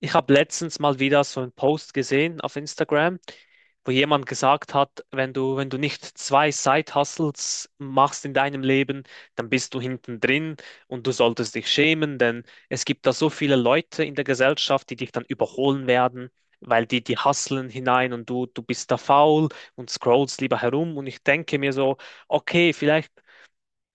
Ich habe letztens mal wieder so einen Post gesehen auf Instagram, wo jemand gesagt hat, wenn du nicht zwei Side-Hustles machst in deinem Leben, dann bist du hinten drin und du solltest dich schämen, denn es gibt da so viele Leute in der Gesellschaft, die dich dann überholen werden, weil die hustlen hinein und du bist da faul und scrollst lieber herum. Und ich denke mir so, okay, vielleicht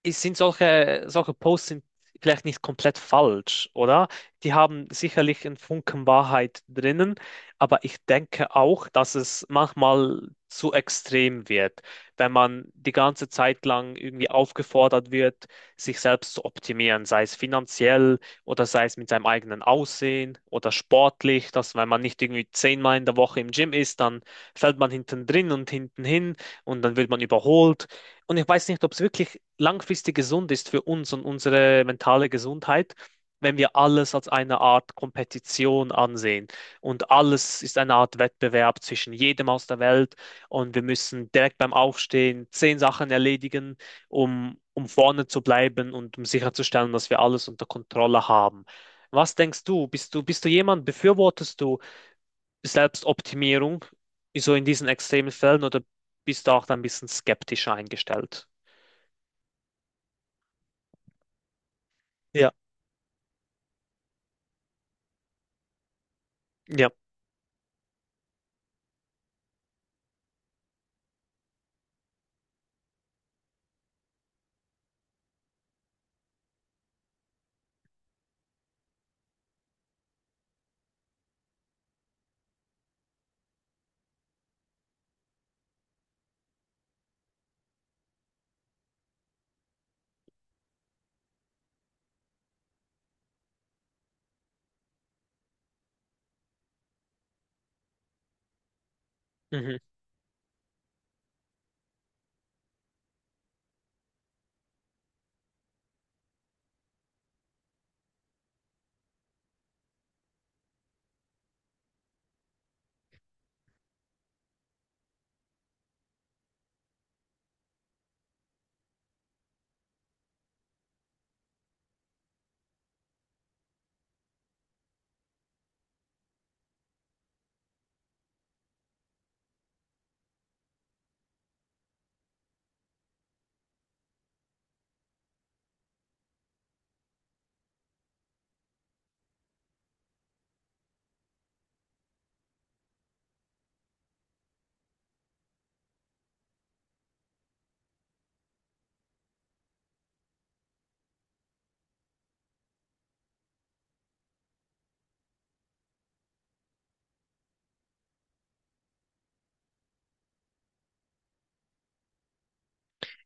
es sind solche Posts sind vielleicht nicht komplett falsch, oder? Die haben sicherlich einen Funken Wahrheit drinnen, aber ich denke auch, dass es manchmal zu extrem wird, wenn man die ganze Zeit lang irgendwie aufgefordert wird, sich selbst zu optimieren, sei es finanziell oder sei es mit seinem eigenen Aussehen oder sportlich, dass wenn man nicht irgendwie 10-mal in der Woche im Gym ist, dann fällt man hinten drin und hinten hin und dann wird man überholt. Und ich weiß nicht, ob es wirklich langfristig gesund ist für uns und unsere mentale Gesundheit, wenn wir alles als eine Art Kompetition ansehen. Und alles ist eine Art Wettbewerb zwischen jedem aus der Welt. Und wir müssen direkt beim Aufstehen 10 Sachen erledigen, um vorne zu bleiben und um sicherzustellen, dass wir alles unter Kontrolle haben. Was denkst du? Bist du jemand, befürwortest du Selbstoptimierung, so in diesen extremen Fällen, oder bist du auch da ein bisschen skeptischer eingestellt? Ja, ja. Mhm.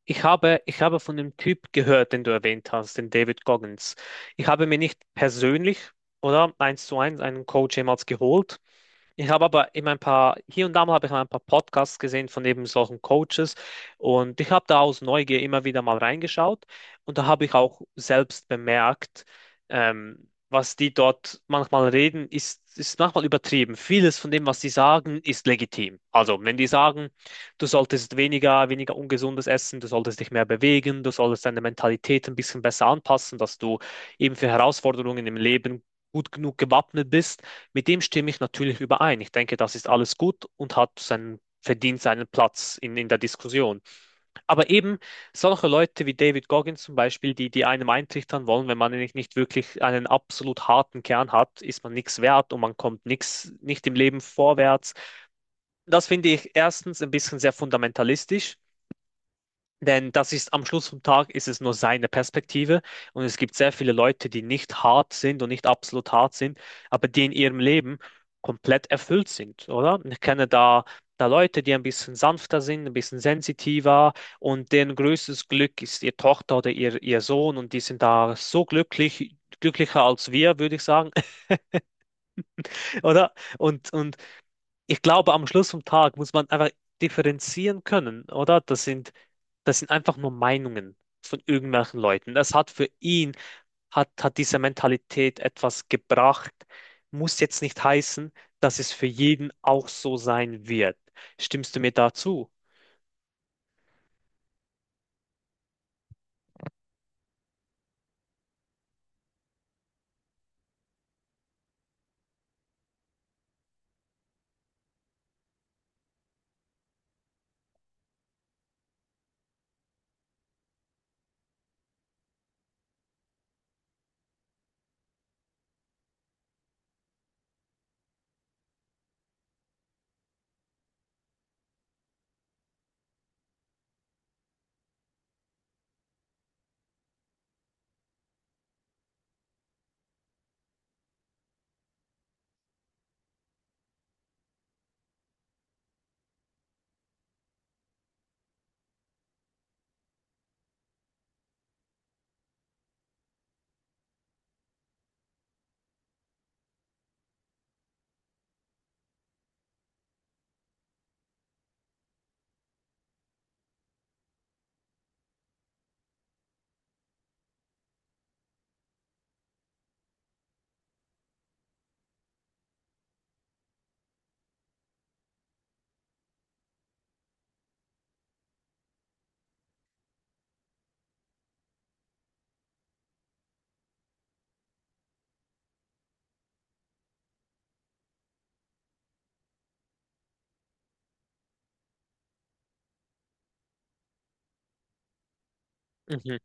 Ich habe von dem Typ gehört, den du erwähnt hast, den David Goggins. Ich habe mir nicht persönlich oder eins zu eins einen Coach jemals geholt. Ich habe aber eben ein paar, hier und da mal habe ich ein paar Podcasts gesehen von eben solchen Coaches und ich habe da aus Neugier immer wieder mal reingeschaut und da habe ich auch selbst bemerkt, was die dort manchmal reden, ist manchmal übertrieben. Vieles von dem, was sie sagen, ist legitim. Also, wenn die sagen, du solltest weniger ungesundes essen, du solltest dich mehr bewegen, du solltest deine Mentalität ein bisschen besser anpassen, dass du eben für Herausforderungen im Leben gut genug gewappnet bist. Mit dem stimme ich natürlich überein. Ich denke, das ist alles gut und hat verdient seinen Platz in der Diskussion. Aber eben solche Leute wie David Goggins zum Beispiel, die einem eintrichtern wollen, wenn man nicht wirklich einen absolut harten Kern hat, ist man nichts wert und man kommt nicht im Leben vorwärts. Das finde ich erstens ein bisschen sehr fundamentalistisch. Denn das ist am Schluss vom Tag ist es nur seine Perspektive und es gibt sehr viele Leute, die nicht hart sind und nicht absolut hart sind, aber die in ihrem Leben komplett erfüllt sind, oder? Ich kenne da Leute, die ein bisschen sanfter sind, ein bisschen sensitiver und deren größtes Glück ist ihre Tochter oder ihr Sohn und die sind da so glücklich, glücklicher als wir, würde ich sagen, oder? Und ich glaube, am Schluss vom Tag muss man einfach differenzieren können, oder? Das sind einfach nur Meinungen von irgendwelchen Leuten. Das hat für ihn, hat, hat diese Mentalität etwas gebracht. Muss jetzt nicht heißen, dass es für jeden auch so sein wird. Stimmst du mir dazu? Mhm,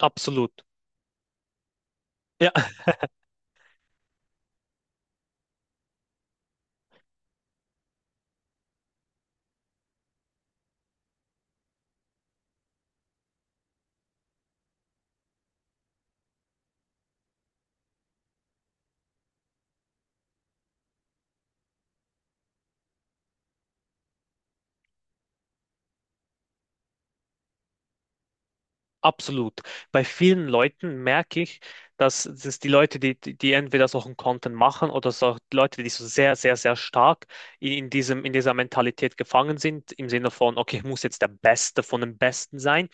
absolut. Ja. Absolut. Bei vielen Leuten merke ich, dass es die Leute, die entweder solchen Content machen oder so die Leute, die so sehr, sehr, sehr stark in dieser Mentalität gefangen sind, im Sinne von, okay, ich muss jetzt der Beste von den Besten sein.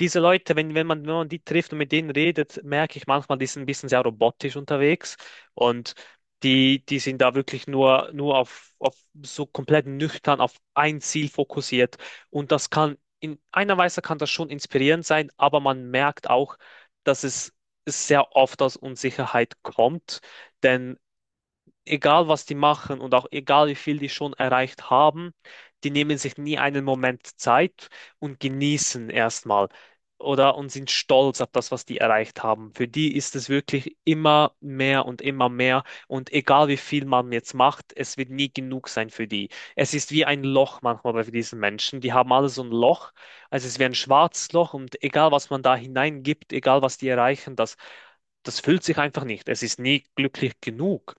Diese Leute, wenn man die trifft und mit denen redet, merke ich manchmal, die sind ein bisschen sehr robotisch unterwegs und die sind da wirklich nur auf so komplett nüchtern auf ein Ziel fokussiert. In einer Weise kann das schon inspirierend sein, aber man merkt auch, dass es sehr oft aus Unsicherheit kommt, denn egal was die machen und auch egal wie viel die schon erreicht haben, die nehmen sich nie einen Moment Zeit und genießen erstmal oder und sind stolz auf das, was die erreicht haben. Für die ist es wirklich immer mehr und egal wie viel man jetzt macht, es wird nie genug sein für die. Es ist wie ein Loch manchmal bei diesen Menschen. Die haben alle so ein Loch, also es ist wie ein schwarzes Loch und egal was man da hineingibt, egal was die erreichen, das füllt sich einfach nicht. Es ist nie glücklich genug.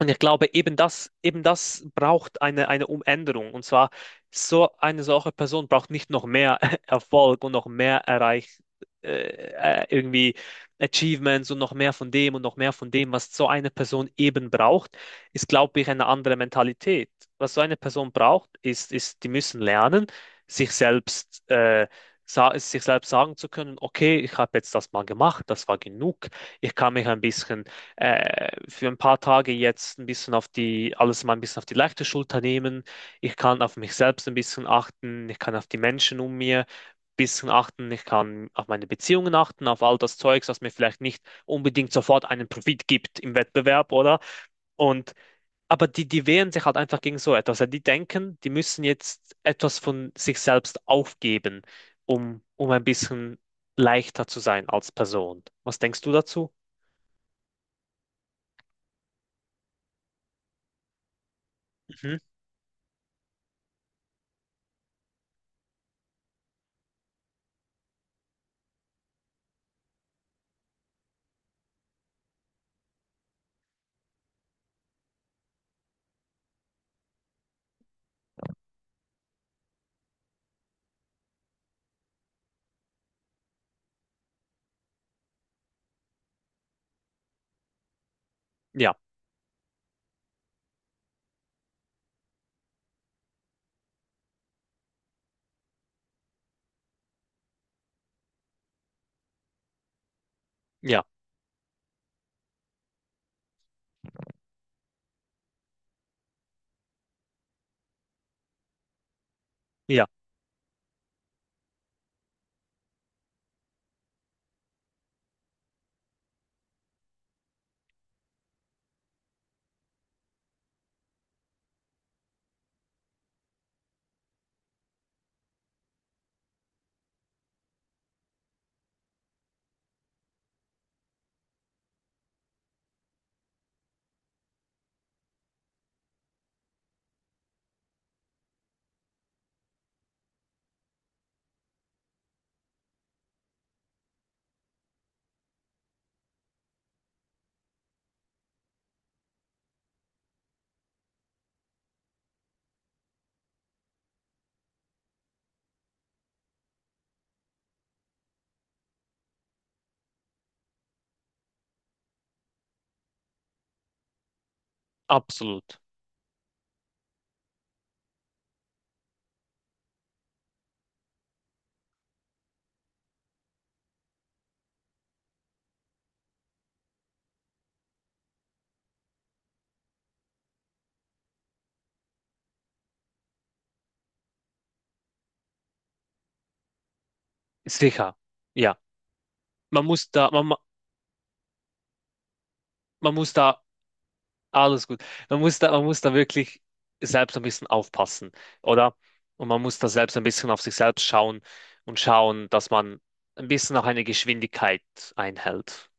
Und ich glaube, eben das braucht eine Umänderung. Und zwar, so eine solche Person braucht nicht noch mehr Erfolg und noch mehr äh, irgendwie Achievements und noch mehr von dem und noch mehr von dem, was so eine Person eben braucht, ist, glaube ich, eine andere Mentalität. Was so eine Person braucht, ist, die müssen lernen, sich selbst, sich selbst sagen zu können, okay, ich habe jetzt das mal gemacht, das war genug, ich kann mich ein bisschen für ein paar Tage jetzt ein bisschen alles mal ein bisschen auf die leichte Schulter nehmen. Ich kann auf mich selbst ein bisschen achten. Ich kann auf die Menschen um mir ein bisschen achten. Ich kann auf meine Beziehungen achten, auf all das Zeugs, was mir vielleicht nicht unbedingt sofort einen Profit gibt im Wettbewerb, oder? Und aber die wehren sich halt einfach gegen so etwas. Ja, die denken, die müssen jetzt etwas von sich selbst aufgeben, um ein bisschen leichter zu sein als Person. Was denkst du dazu? Mhm. Ja, ja. Ja, absolut. Sicher. Ja, man muss da, man, man muss da, alles gut. Man muss da wirklich selbst ein bisschen aufpassen, oder? Und man muss da selbst ein bisschen auf sich selbst schauen und schauen, dass man ein bisschen auch eine Geschwindigkeit einhält.